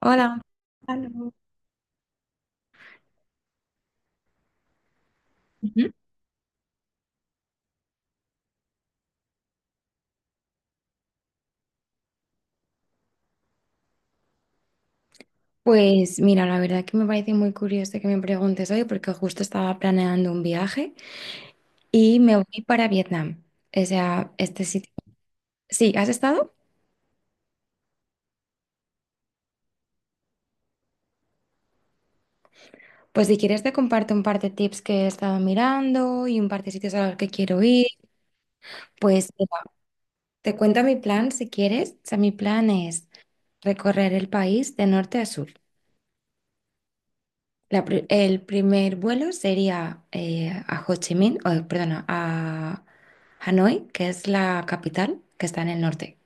Hola. Gonzalo. Ujú. Pues mira, la verdad que me parece muy curioso que me preguntes hoy porque justo estaba planeando un viaje y me voy para Vietnam. O sea, este sitio. Sí, ¿has estado? Pues si quieres te comparto un par de tips que he estado mirando y un par de sitios a los que quiero ir. Pues mira, te cuento mi plan si quieres. O sea, mi plan es recorrer el país de norte a sur. El primer vuelo sería a Ho Chi Minh, o, perdona, a Hanoi, que es la capital, que está en el norte.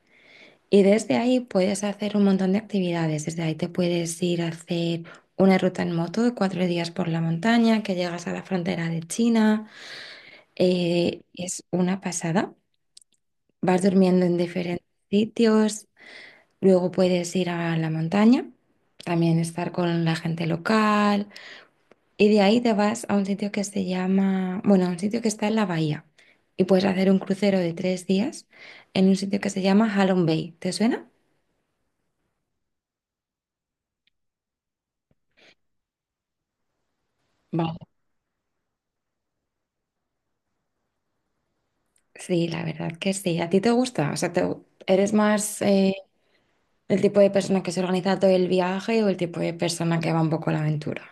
Y desde ahí puedes hacer un montón de actividades. Desde ahí te puedes ir a hacer una ruta en moto de 4 días por la montaña, que llegas a la frontera de China. Es una pasada. Vas durmiendo en diferentes sitios. Luego puedes ir a la montaña, también estar con la gente local. Y de ahí te vas a un sitio que se llama, bueno, a un sitio que está en la bahía. Y puedes hacer un crucero de 3 días en un sitio que se llama Halong Bay. ¿Te suena? Vale. Sí, la verdad que sí. ¿A ti te gusta? O sea, ¿eres más el tipo de persona que se organiza todo el viaje o el tipo de persona que va un poco a la aventura?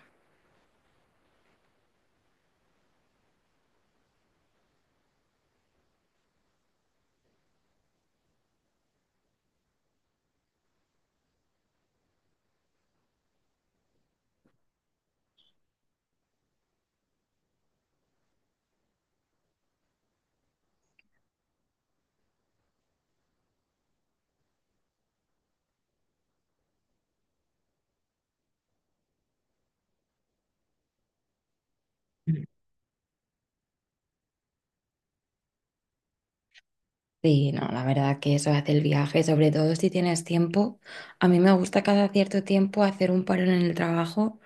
Sí, no, la verdad que eso hace el viaje, sobre todo si tienes tiempo. A mí me gusta cada cierto tiempo hacer un parón en el trabajo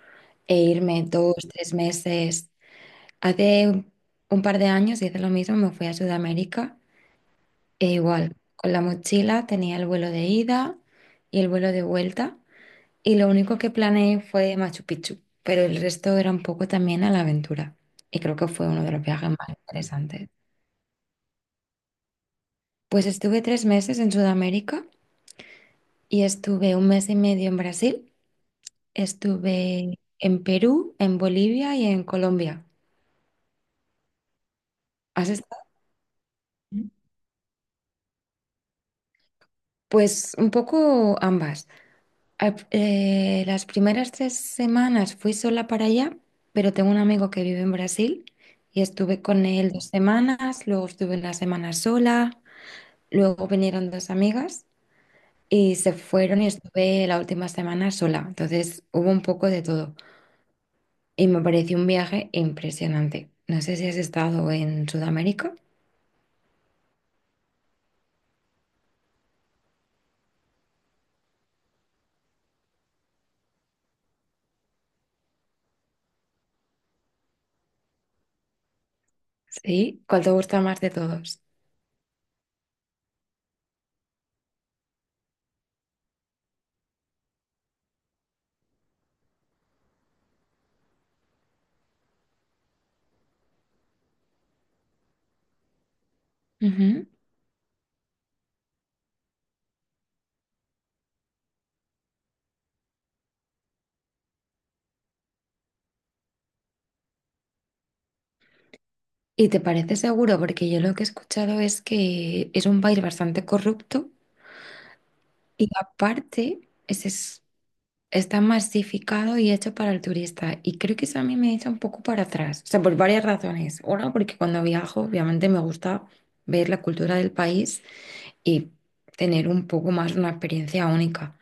e irme 2, 3 meses. Hace un par de años hice lo mismo, me fui a Sudamérica e igual, con la mochila tenía el vuelo de ida y el vuelo de vuelta y lo único que planeé fue Machu Picchu, pero el resto era un poco también a la aventura y creo que fue uno de los viajes más interesantes. Pues estuve 3 meses en Sudamérica y estuve un mes y medio en Brasil, estuve en Perú, en Bolivia y en Colombia. ¿Has estado? Pues un poco ambas. Las primeras 3 semanas fui sola para allá, pero tengo un amigo que vive en Brasil y estuve con él 2 semanas, luego estuve una semana sola, luego vinieron dos amigas y se fueron y estuve la última semana sola. Entonces hubo un poco de todo y me pareció un viaje impresionante. No sé si has estado en Sudamérica. Sí, ¿cuál te gusta más de todos? Ujú. ¿Y te parece seguro? Porque yo lo que he escuchado es que es un país bastante corrupto. Y aparte, está masificado y hecho para el turista. Y creo que eso a mí me echa un poco para atrás. O sea, por varias razones. Una, porque cuando viajo, obviamente me gusta ver la cultura del país y tener un poco más una experiencia única.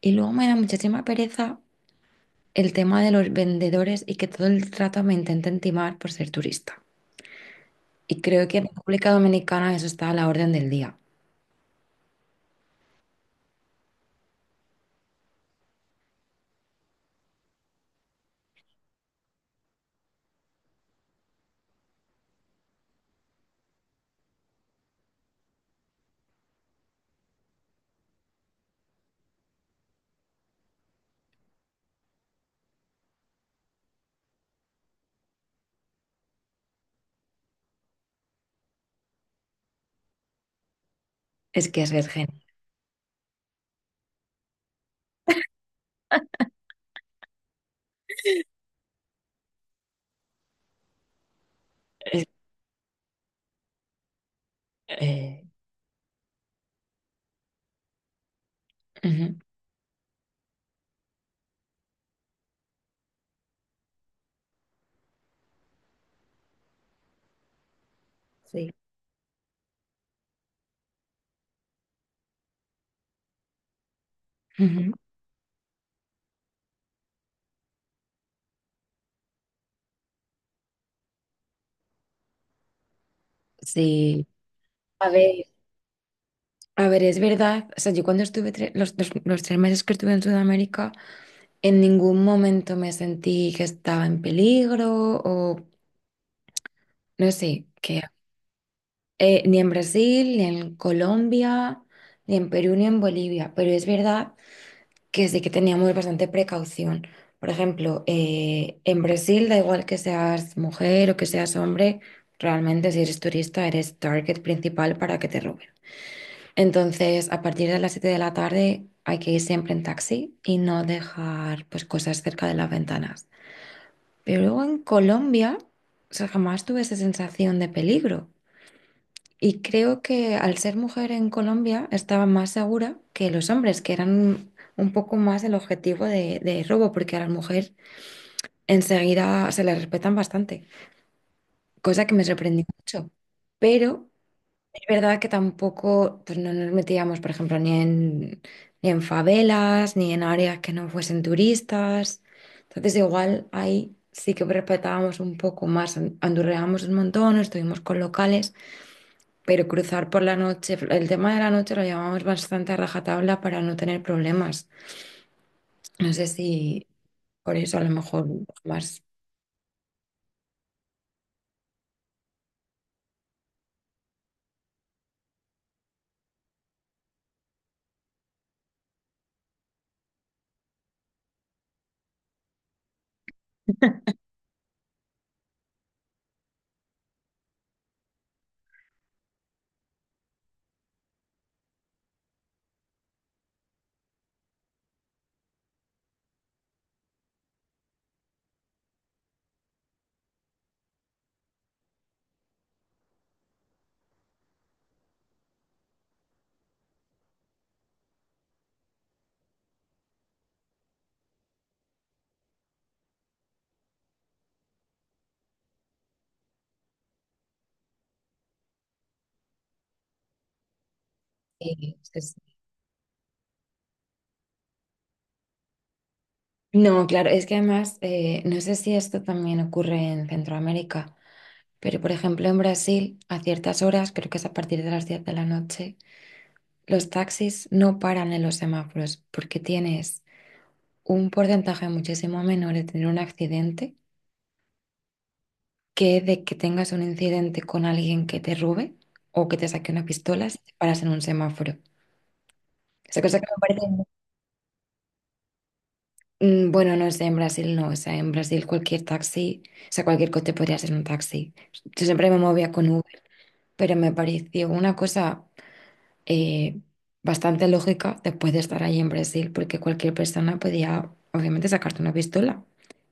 Y luego me da muchísima pereza el tema de los vendedores y que todo el trato me intenten timar por ser turista. Y creo que en República Dominicana eso está a la orden del día. Es que es virgen. Es- Eh, Ujú. Sí. Ujú. Sí, A ver, a ver, es verdad, o sea, yo cuando estuve los 3 meses que estuve en Sudamérica, en ningún momento me sentí que estaba en peligro o no sé, que ni en Brasil, ni en Colombia, ni en Perú, ni en Bolivia, pero es verdad que sí que teníamos bastante precaución. Por ejemplo, en Brasil da igual que seas mujer o que seas hombre, realmente si eres turista eres target principal para que te roben. Entonces, a partir de las 7 de la tarde hay que ir siempre en taxi y no dejar pues, cosas cerca de las ventanas. Pero luego en Colombia, o sea, jamás tuve esa sensación de peligro. Y creo que al ser mujer en Colombia estaba más segura que los hombres, que eran un poco más el objetivo de robo, porque a la mujer enseguida se le respetan bastante, cosa que me sorprendió mucho. Pero es verdad que tampoco pues no nos metíamos, por ejemplo, ni en favelas, ni en áreas que no fuesen turistas. Entonces, igual ahí sí que respetábamos un poco más, andurreábamos un montón, estuvimos con locales, pero cruzar por la noche, el tema de la noche lo llevábamos bastante a rajatabla para no tener problemas. No sé si por eso a lo mejor más. eh, es- No, claro, es que además, no sé si esto también ocurre en Centroamérica. Pero, por ejemplo, en Brasil, a ciertas horas, creo que es a partir de las 10 de la noche, los taxis no paran en los semáforos porque tienes un porcentaje muchísimo menor de tener un accidente que de que tengas un incidente con alguien que te robe o que te saque una pistola si te paras en un semáforo. Esa cosa que me parece, bueno, no sé, en Brasil no, o sea, en Brasil cualquier taxi, o sea, cualquier coche podría ser un taxi. Yo siempre me movía con Uber, pero me pareció una cosa eh, bastante lógica después de estar ahí en Brasil, porque cualquier persona podía, obviamente, sacarte una pistola.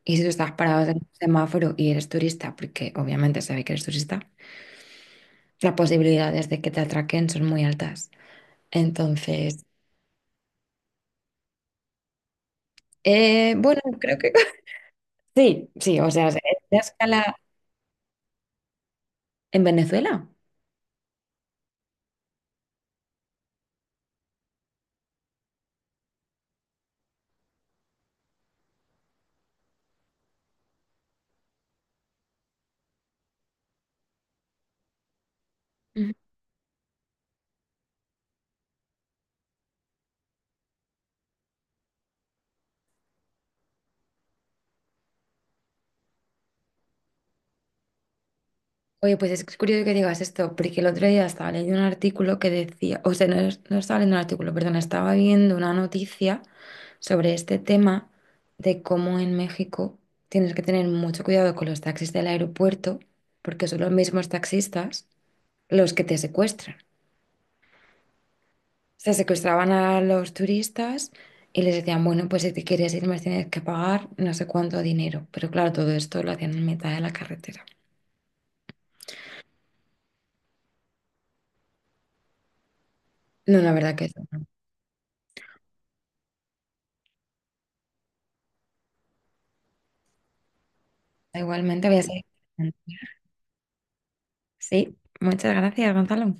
Y si tú estás parado en un semáforo y eres turista, porque obviamente se ve que eres turista, las posibilidades de que te atraquen son muy altas. Entonces, bueno, creo que sí, sí, o sea, es una escala en Venezuela. Oye, pues es curioso que digas esto, porque el otro día estaba leyendo un artículo que decía, o sea, no, no estaba leyendo un artículo, perdón, estaba viendo una noticia sobre este tema de cómo en México tienes que tener mucho cuidado con los taxis del aeropuerto, porque son los mismos taxistas los que te secuestran. Se secuestraban a los turistas y les decían, bueno, pues si te quieres ir, me tienes que pagar no sé cuánto dinero. Pero claro, todo esto lo hacían en mitad de la carretera. No, la verdad que eso no. Igualmente había sido. Sí, muchas gracias, Gonzalo.